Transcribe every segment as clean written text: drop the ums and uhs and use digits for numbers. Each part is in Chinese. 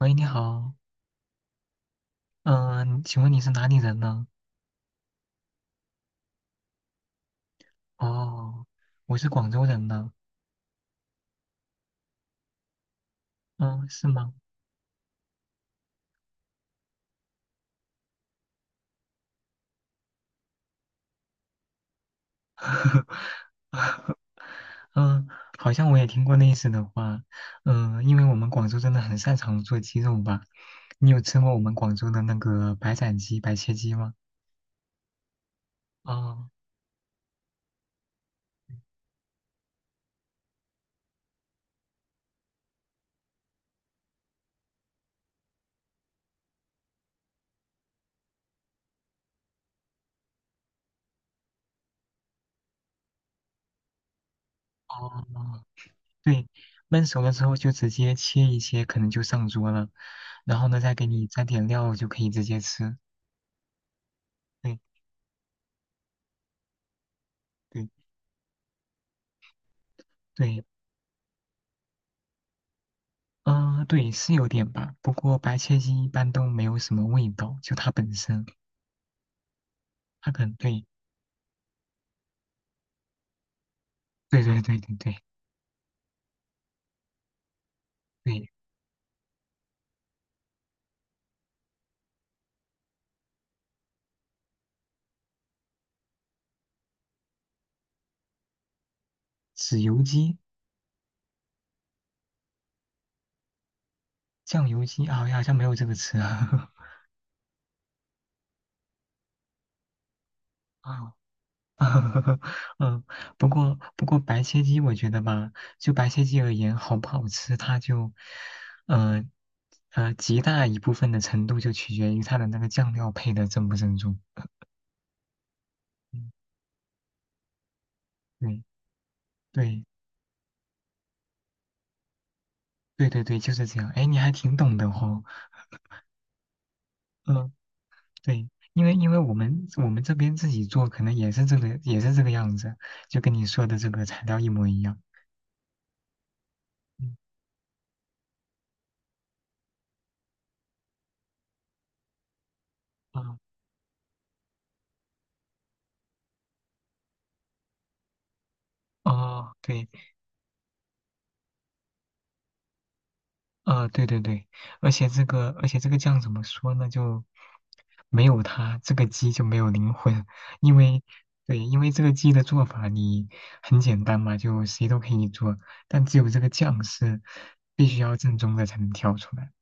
喂，你好，嗯、请问你是哪里人呢？哦，我是广州人呢。嗯、是吗？嗯、好像我也听过类似的话。因为我们广州真的很擅长做鸡肉吧？你有吃过我们广州的那个白斩鸡、白切鸡吗？哦哦，对，焖熟了之后就直接切一切，可能就上桌了。然后呢，再给你沾点料就可以直接吃。对对对，嗯，对，是有点吧。不过白切鸡一般都没有什么味道，就它本身，它可能对，对对对对对对，豉油鸡、酱油鸡啊，好像没有这个词啊。啊，嗯，不过白切鸡我觉得吧，就白切鸡而言，好不好吃，它就，呃极大一部分的程度就取决于它的那个酱料配的正不正宗。嗯，对对对对对，就是这样。哎，你还挺懂的哦。嗯。对，因为我们这边自己做，可能也是这个样子，就跟你说的这个材料一模一样。嗯啊哦，对，啊，对对对，而且这个酱怎么说呢？就没有它这个鸡就没有灵魂，因为对，因为这个鸡的做法你很简单嘛，就谁都可以做，但只有这个酱是必须要正宗的才能调出来。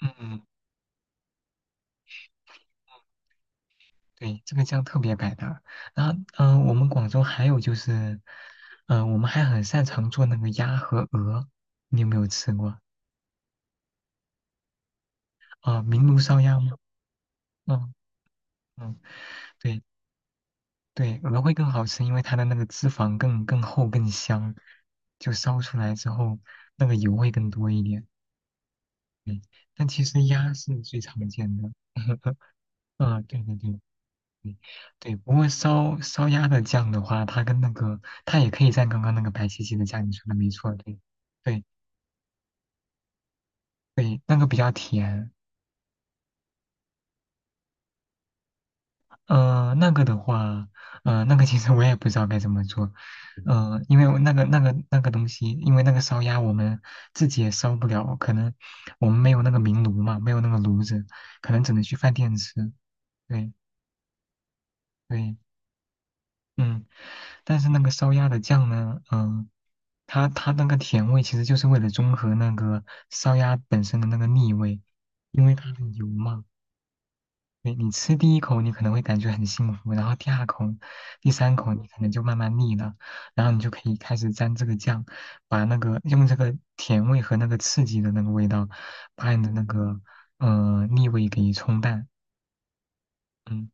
嗯嗯对，这个酱特别百搭。然后，我们广州还有就是，我们还很擅长做那个鸭和鹅，你有没有吃过？啊、明炉烧鸭吗？嗯嗯，对对，鹅会更好吃，因为它的那个脂肪更厚更香，就烧出来之后那个油会更多一点。对，但其实鸭是最常见的。嗯，对对对。对，不过烧鸭的酱的话，它跟那个它也可以蘸刚刚那个白切鸡的酱，你说的没错，对，对对，那个比较甜。那个的话，那个其实我也不知道该怎么做，因为我那个东西，因为那个烧鸭我们自己也烧不了，可能我们没有那个明炉嘛，没有那个炉子，可能只能去饭店吃。对对，嗯，但是那个烧鸭的酱呢，它那个甜味其实就是为了中和那个烧鸭本身的那个腻味，因为它的油嘛。你吃第一口你可能会感觉很幸福，然后第二口、第三口你可能就慢慢腻了，然后你就可以开始沾这个酱，把那个用这个甜味和那个刺激的那个味道，把你的那个腻味给冲淡。嗯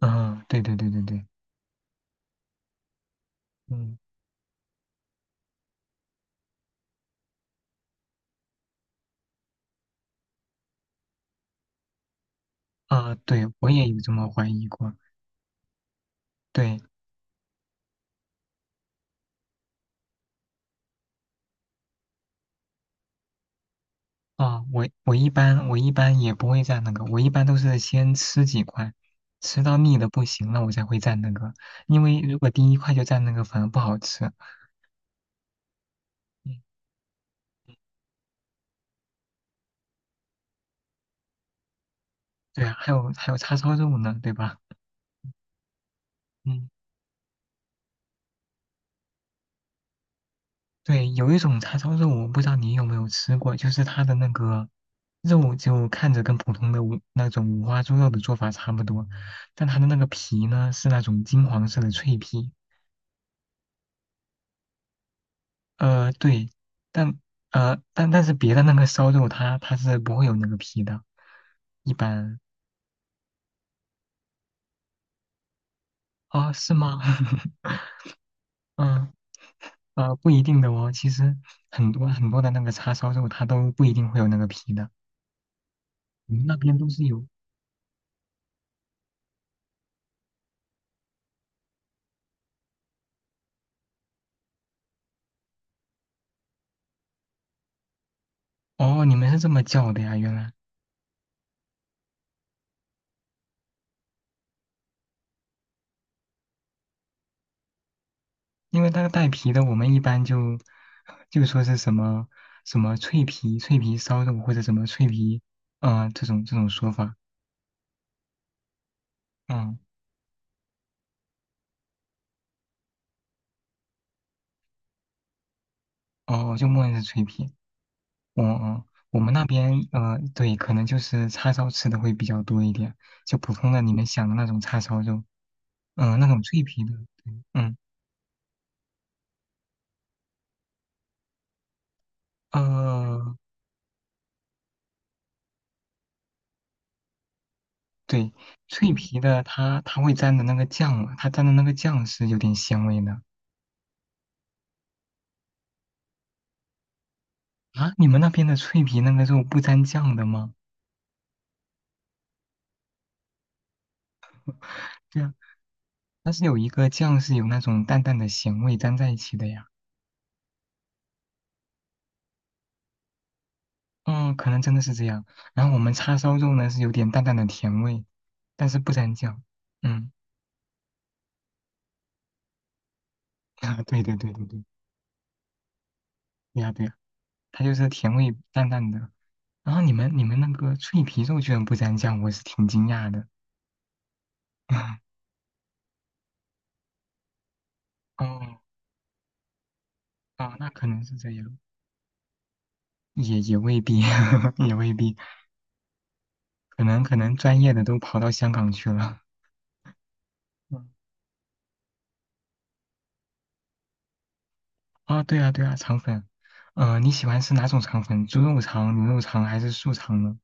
嗯，对对对对对，嗯啊，对我也有这么怀疑过。对，啊，我一般也不会蘸那个，我一般都是先吃几块，吃到腻的不行了，我才会蘸那个。因为如果第一块就蘸那个，反而不好吃。嗯，对啊，还有还有叉烧肉呢，对吧？嗯，对，有一种叉烧肉，我不知道你有没有吃过，就是它的那个肉就看着跟普通的那种五花猪肉的做法差不多，但它的那个皮呢是那种金黄色的脆皮。对，但但是别的那个烧肉它是不会有那个皮的，一般啊，是吗？嗯不一定的哦，其实很多很多的那个叉烧肉它都不一定会有那个皮的，你们那边都是有。哦，你们是这么叫的呀？原来，因为那个带皮的，我们一般就就说是什么什么脆皮烧肉或者什么脆皮，这种这种说法，嗯，哦，就默认是脆皮。嗯嗯，我们那边对，可能就是叉烧吃的会比较多一点，就普通的你们想的那种叉烧肉，那种脆皮的，对嗯呃，对，脆皮的它会沾的那个酱嘛，它沾的那个酱是有点鲜味的啊。你们那边的脆皮那个肉不沾酱的吗？对啊，但是有一个酱是有那种淡淡的咸味沾在一起的呀。嗯，可能真的是这样。然后我们叉烧肉呢是有点淡淡的甜味，但是不沾酱。嗯。啊，对对对对对，对呀对呀，它就是甜味淡淡的。然后你们那个脆皮肉居然不沾酱，我是挺惊讶的。哦哦，那可能是这样，也未必，也未必，可能专业的都跑到香港去了。嗯，啊，对啊对啊，肠粉，你喜欢吃哪种肠粉？猪肉肠、牛肉肠还是素肠呢？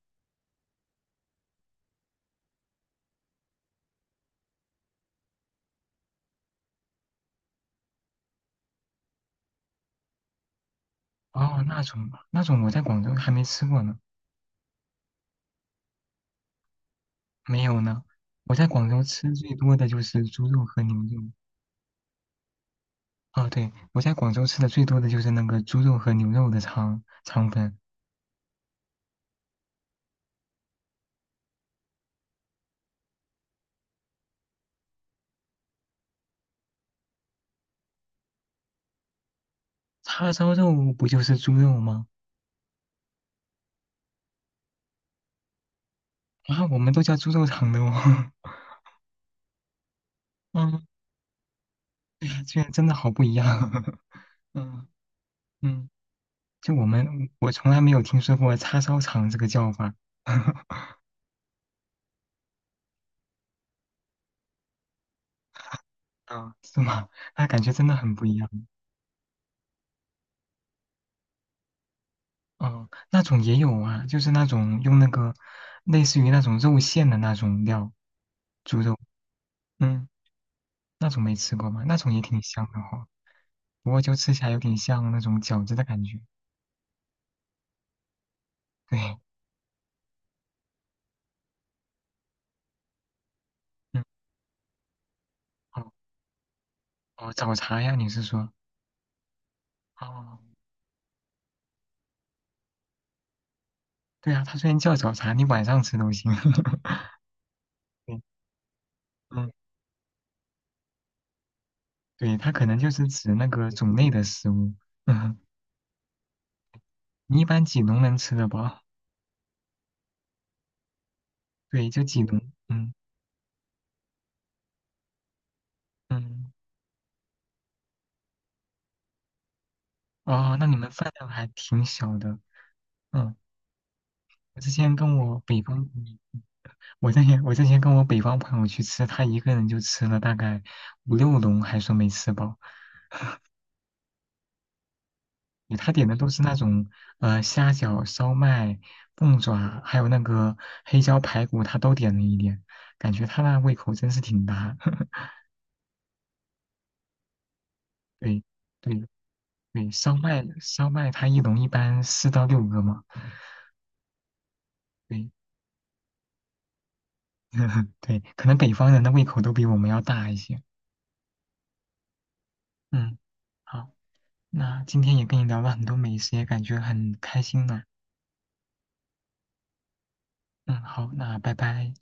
哦，那种我在广州还没吃过呢，没有呢。我在广州吃最多的就是猪肉和牛肉。哦，对，我在广州吃的最多的就是那个猪肉和牛肉的肠粉，叉烧肉不就是猪肉吗？啊，我们都叫猪肉肠的哦。嗯，对呀，居然真的好不一样。嗯嗯，就我从来没有听说过叉烧肠这个叫法。啊，是吗？那感觉真的很不一样。哦，那种也有啊，就是那种用那个类似于那种肉馅的那种料，猪肉，嗯，那种没吃过吗？那种也挺香的哈、不过就吃起来有点像那种饺子的感觉。对，嗯，哦哦，早茶呀，你是说？哦，对啊，它虽然叫早茶，你晚上吃都行。对，嗯，对，它可能就是指那个种类的食物。嗯，你一般几笼能吃得饱？对，就几笼。嗯嗯，哦，那你们饭量还挺小的。嗯，我之前跟我北方，我之前跟我北方朋友去吃，他一个人就吃了大概5、6笼，还说没吃饱。他点的都是那种虾饺、烧麦、凤爪，还有那个黑椒排骨，他都点了一点，感觉他那胃口真是挺大。对对对，烧麦，他一笼一般4到6个嘛。对 对，可能北方人的胃口都比我们要大一些。嗯，好，那今天也跟你聊了很多美食，也感觉很开心呢。嗯，好，那拜拜。